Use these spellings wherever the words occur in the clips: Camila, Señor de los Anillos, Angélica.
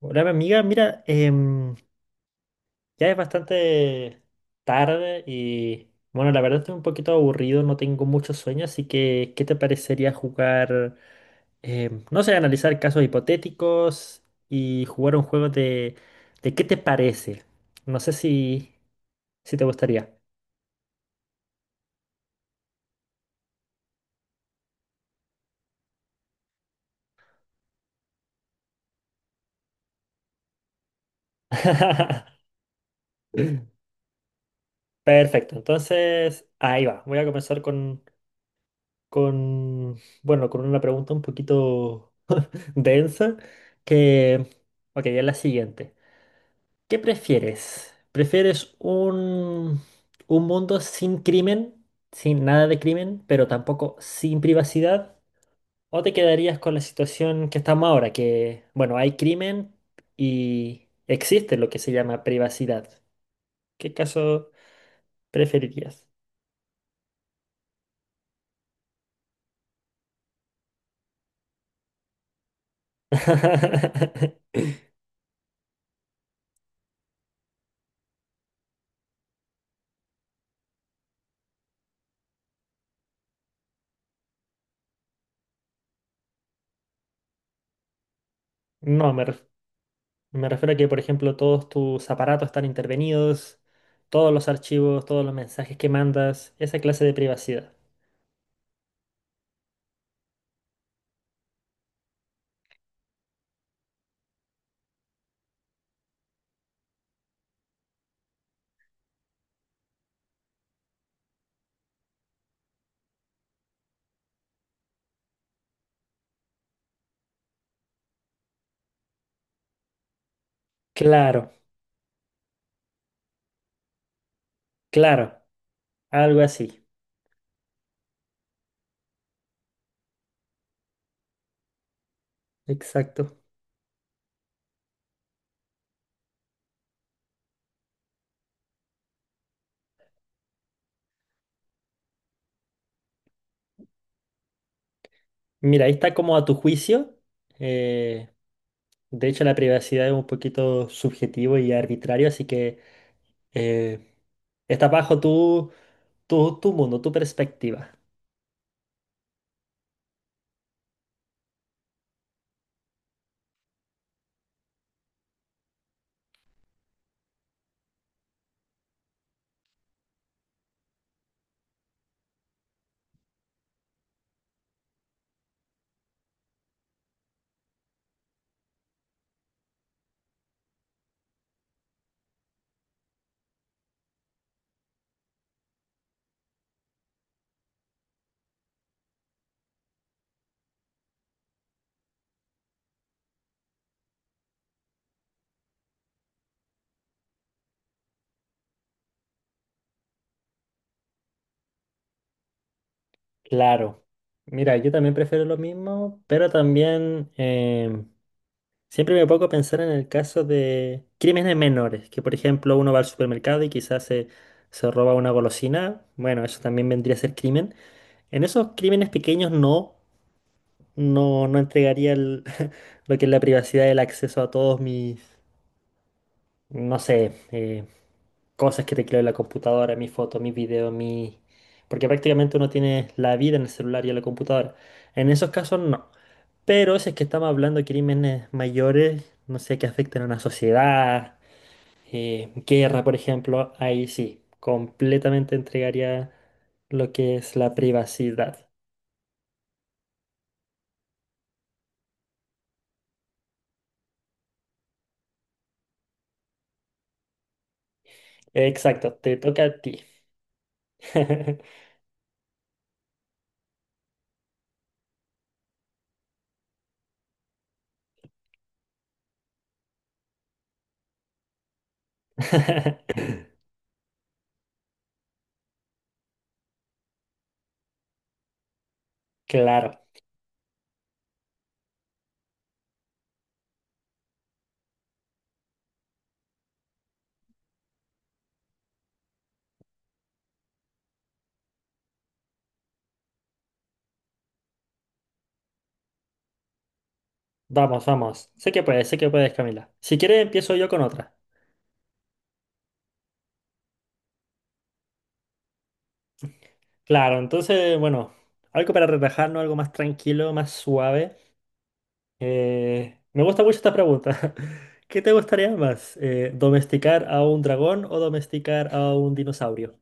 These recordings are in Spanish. Hola, mi amiga, mira, ya es bastante tarde y bueno, la verdad estoy un poquito aburrido, no tengo mucho sueño, así que ¿qué te parecería jugar, no sé, analizar casos hipotéticos y jugar un juego de, qué te parece? No sé si te gustaría. Perfecto, entonces ahí va, voy a comenzar con bueno, con una pregunta un poquito densa que, ok, es la siguiente. ¿Qué prefieres? ¿Prefieres un mundo sin crimen, sin nada de crimen, pero tampoco sin privacidad? ¿O te quedarías con la situación que estamos ahora, que, bueno, hay crimen y existe lo que se llama privacidad? ¿Qué caso preferirías? No, me refiero a que, por ejemplo, todos tus aparatos están intervenidos, todos los archivos, todos los mensajes que mandas, esa clase de privacidad. Claro, claro. Algo así, exacto. Mira, ahí está como a tu juicio. eh, de hecho, la privacidad es un poquito subjetivo y arbitrario, así que eh, está bajo tu tu mundo, tu perspectiva. Claro. Mira, yo también prefiero lo mismo, pero también siempre me pongo a pensar en el caso de crímenes menores, que por ejemplo uno va al supermercado y quizás se roba una golosina. Bueno, eso también vendría a ser crimen. En esos crímenes pequeños no. No, no entregaría lo que es la privacidad, el acceso a todos mis, no sé, cosas que tecleo en la computadora, mis fotos, mis videos, mi... Porque prácticamente uno tiene la vida en el celular y en la computadora. En esos casos no. Pero si es que estamos hablando de crímenes mayores, no sé, que afecten a una sociedad, guerra, por ejemplo, ahí sí, completamente entregaría lo que es la privacidad. Exacto, te toca a ti. Claro, vamos, vamos. Sé que puedes, Camila. Si quieres, empiezo yo con otra. Claro, entonces, bueno, algo para relajarnos, algo más tranquilo, más suave. Me gusta mucho esta pregunta. ¿Qué te gustaría más? ¿Domesticar a un dragón o domesticar a un dinosaurio?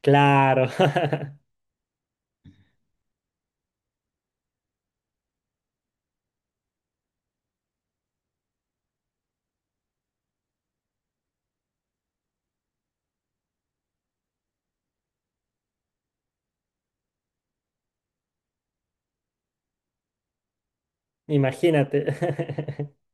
Claro, imagínate.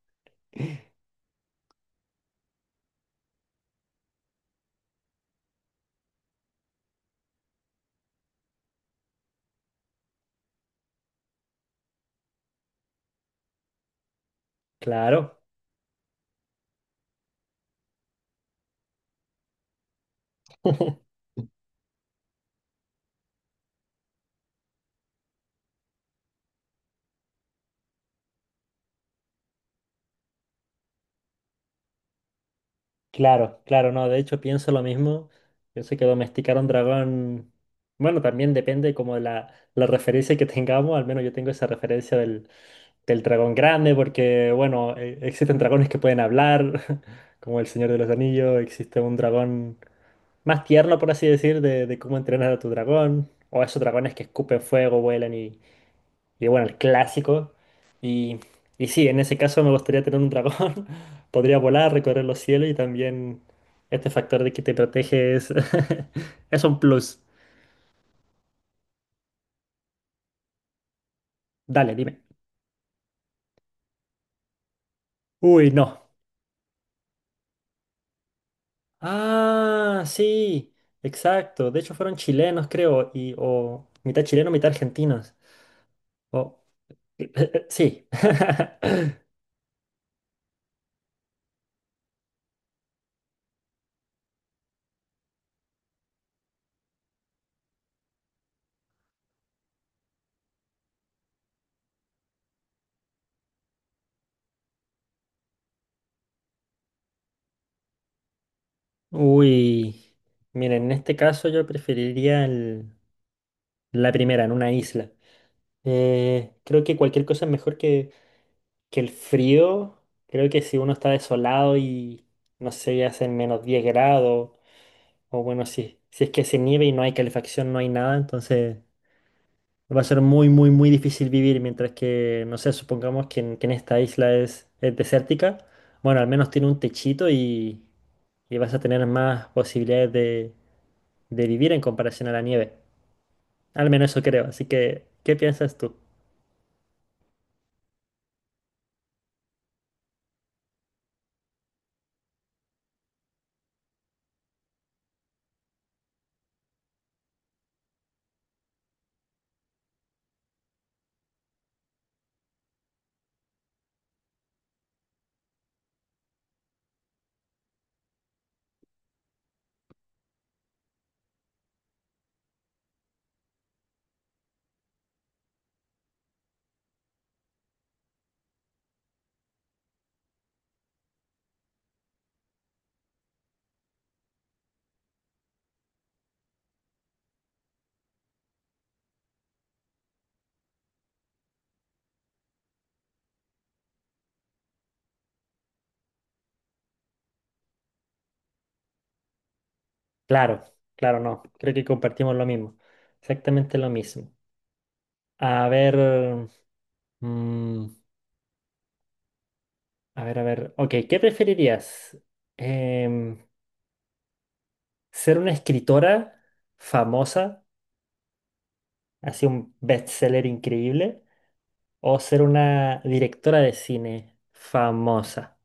Claro. Claro, claro, no, de hecho pienso lo mismo. Yo sé que domesticar a un dragón, bueno, también depende como de la referencia que tengamos, al menos yo tengo esa referencia del dragón grande, porque bueno, existen dragones que pueden hablar, como el Señor de los Anillos, existe un dragón más tierno, por así decir, de cómo entrenar a tu dragón, o esos dragones que escupen fuego, vuelan y bueno, el clásico. Y, y sí, en ese caso me gustaría tener un dragón. Podría volar, recorrer los cielos y también este factor de que te protege es, es un plus. Dale, dime. Uy, no. Ah, sí, exacto. De hecho fueron chilenos, creo, y, o mitad chileno, mitad argentinos. O, sí. Uy, miren, en este caso yo preferiría la primera, en una isla. Creo que cualquier cosa es mejor que el frío. Creo que si uno está desolado y no sé, hacen -10 grados, o bueno, si es que se nieve y no hay calefacción, no hay nada, entonces va a ser muy, muy, muy difícil vivir. Mientras que, no sé, supongamos que que en esta isla es desértica, bueno, al menos tiene un techito y vas a tener más posibilidades de vivir en comparación a la nieve. Al menos eso creo. Así que, ¿qué piensas tú? Claro, claro, no. Creo que compartimos lo mismo. Exactamente lo mismo. A ver, mm, a ver, a ver. Ok, ¿qué preferirías? Em, ¿Ser una escritora famosa, así un bestseller increíble, o ser una directora de cine famosa?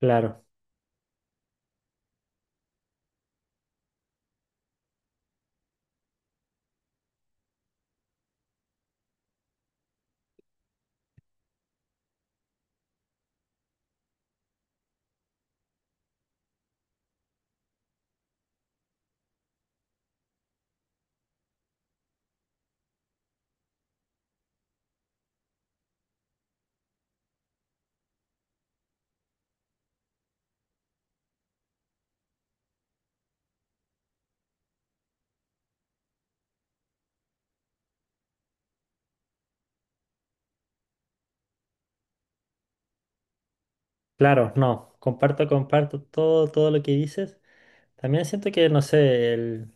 Claro, claro, no. Comparto, comparto todo, todo lo que dices. También siento que, no sé,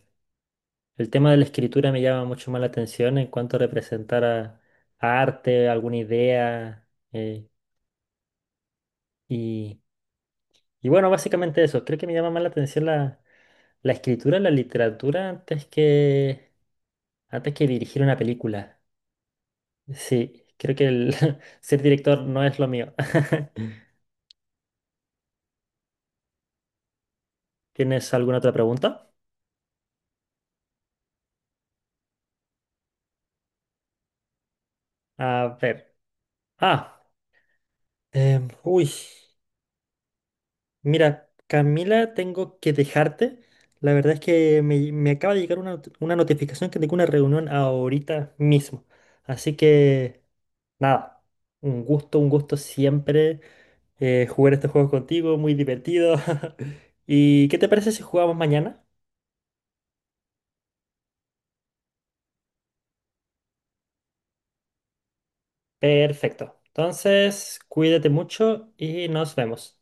el tema de la escritura me llama mucho más la atención en cuanto a representar a arte, alguna idea. eh, y, y bueno, básicamente eso. Creo que me llama más la atención la escritura, la literatura, antes que dirigir una película. Sí, creo que el ser director no es lo mío. ¿Tienes alguna otra pregunta? A ver. Ah, uy. Mira, Camila, tengo que dejarte. La verdad es que me acaba de llegar una notificación que tengo una reunión ahorita mismo. Así que, nada, un gusto siempre jugar estos juegos contigo, muy divertido. ¿Y qué te parece si jugamos mañana? Perfecto. Entonces, cuídate mucho y nos vemos.